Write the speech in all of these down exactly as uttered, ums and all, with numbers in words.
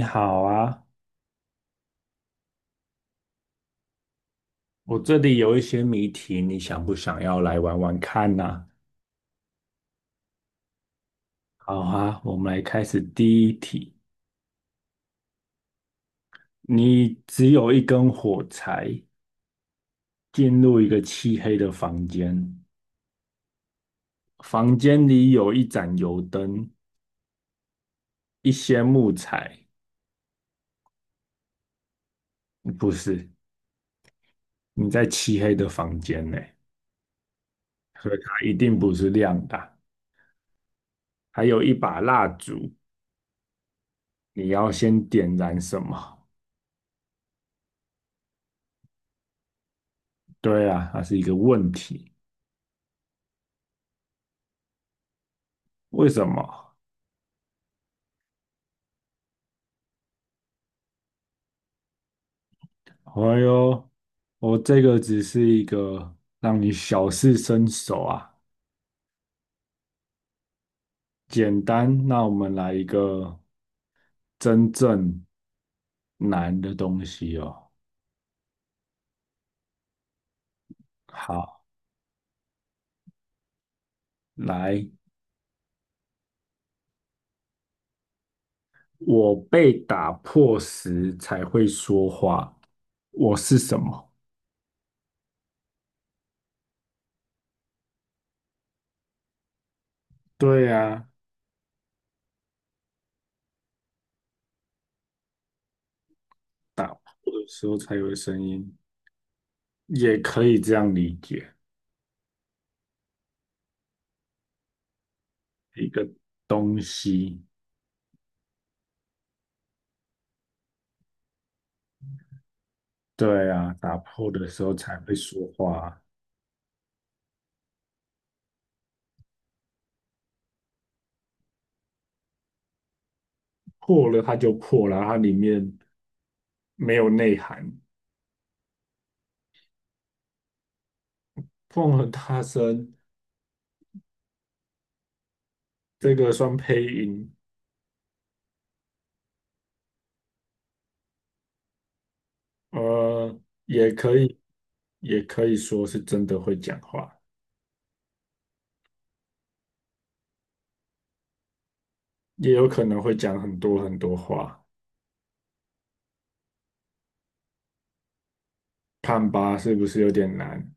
你好啊，我这里有一些谜题，你想不想要来玩玩看呢？好啊，我们来开始第一题。你只有一根火柴，进入一个漆黑的房间，房间里有一盏油灯，一些木材。嗯不是，你在漆黑的房间内，所以它一定不是亮的啊，还有一把蜡烛，你要先点燃什么？对啊，它是一个问题。为什么？哎呦，我这个只是一个让你小试身手啊，简单。那我们来一个真正难的东西哦。好，来，我被打破时才会说话，我是什么？对呀，啊，有时候才有声音，也可以这样理解，一个东西。对啊，打破的时候才会说话啊，破了它就破了，它里面没有内涵。碰和大声这个算配音，呃，也可以，也可以说是真的会讲话，也有可能会讲很多很多话。看吧，是不是有点难？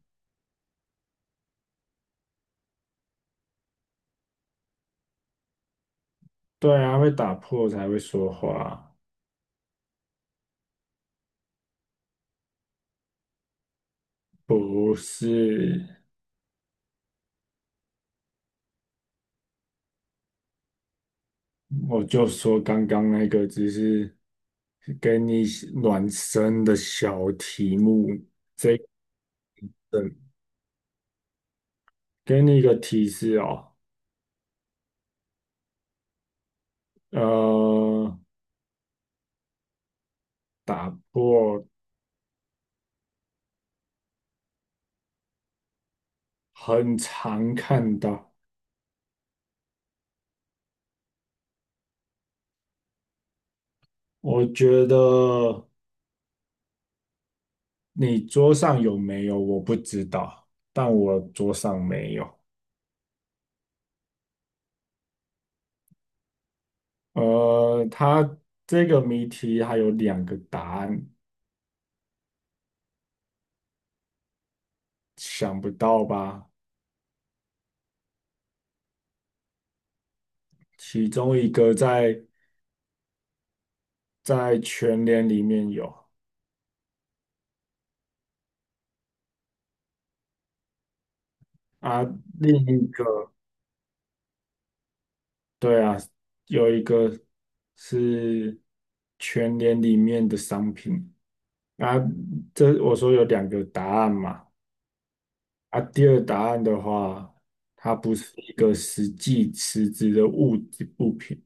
对啊，会打破才会说话，不是？我就说刚刚那个只是给你暖身的小题目，嗯，给你一个提示哦。呃，打破很常看到。我觉得你桌上有没有我不知道，但我桌上没有。呃，它这个谜题还有两个答案，想不到吧？其中一个在在全联里面有啊，另一个对啊，有一个是全联里面的商品。啊，这我说有两个答案嘛。啊，第二答案的话，它不是一个实际实质的物物品，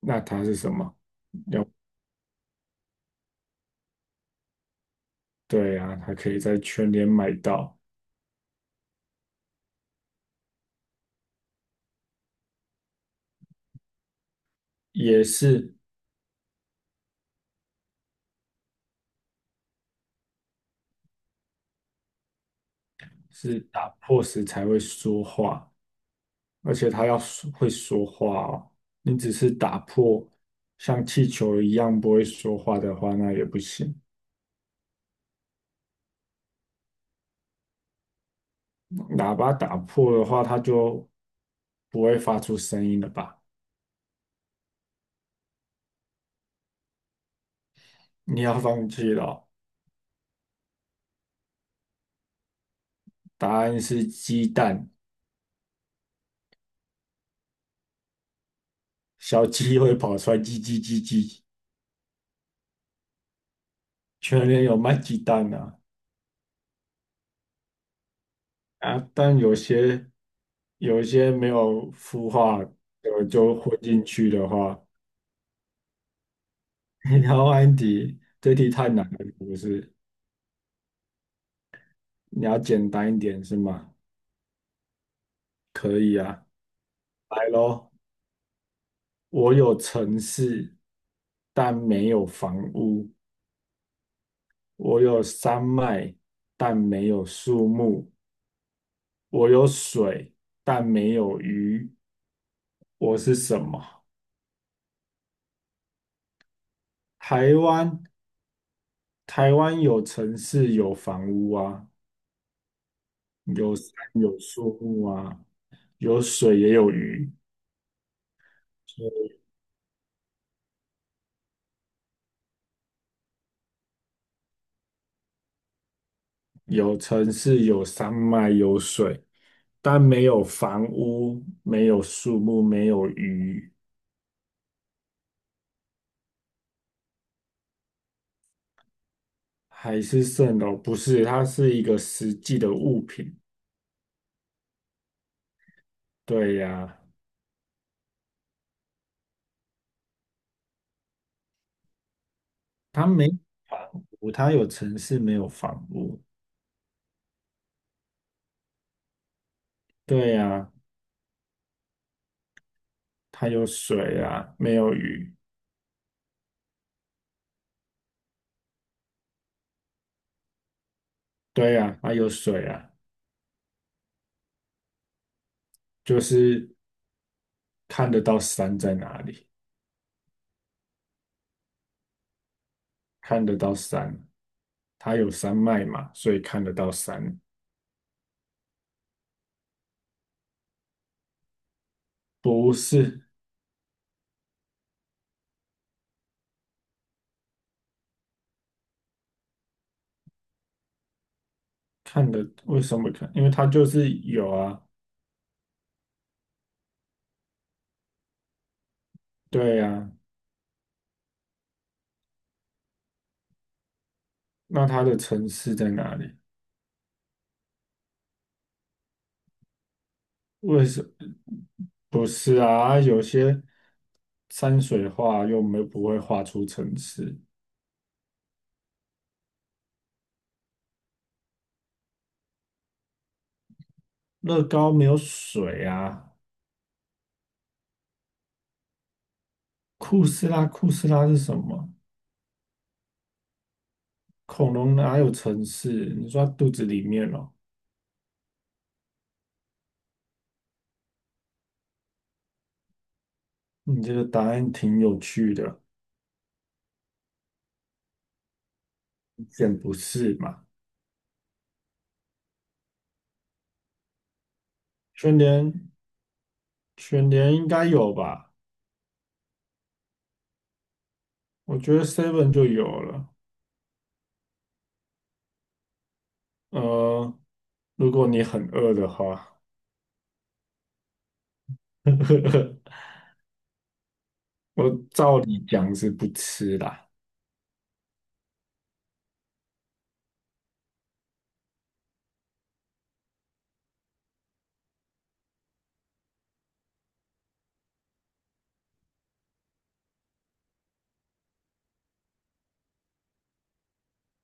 那它是什么？对啊，它可以在全联买到，也是是打破时才会说话，而且它要说会说话哦。你只是打破像气球一样不会说话的话，那也不行。喇叭打破的话，它就不会发出声音了吧？你要放弃了哦，答案是鸡蛋。小鸡会跑出来，叽叽叽叽。全年有卖鸡蛋啊，啊，但有些有些没有孵化就就混进去的话，你要安迪，这题太难了，不是？你要简单一点是吗？可以啊，来喽。我有城市，但没有房屋；我有山脉，但没有树木；我有水，但没有鱼；我是什么？台湾，台湾有城市，有房屋啊，有山，有树木啊，有水也有鱼，有城市，有山脉，有水，但没有房屋，没有树木，没有鱼，还是蜃楼？不是，它是一个实际的物品。对呀，它没房屋，它有城市，没有房屋。对呀，它有水啊，没有鱼。对呀，啊，有水啊，就是看得到山在哪里，看得到山，它有山脉嘛，所以看得到山。不是，看得，为什么看？因为它就是有啊，对呀。那它的城市在哪里？为什不是啊？啊有些山水画又没不会画出城市，乐高没有水啊。库斯拉，库斯拉是什么？恐龙哪有城市？你说它肚子里面哦？你这个答案挺有趣的，选不是嘛？全联，全联应该有吧？我觉得 Seven 就有了。呃，如果你很饿的话，我照理讲是不吃啦。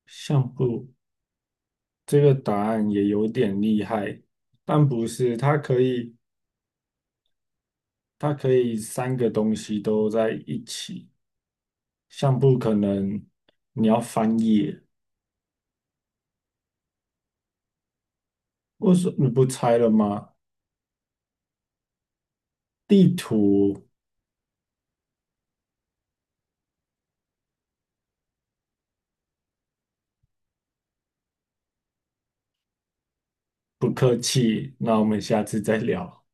相簿这个答案也有点厉害，但不是，它可以，它可以三个东西都在一起。相簿可能你要翻页，我什么你不拆了吗？地图。不客气，那我们下次再聊。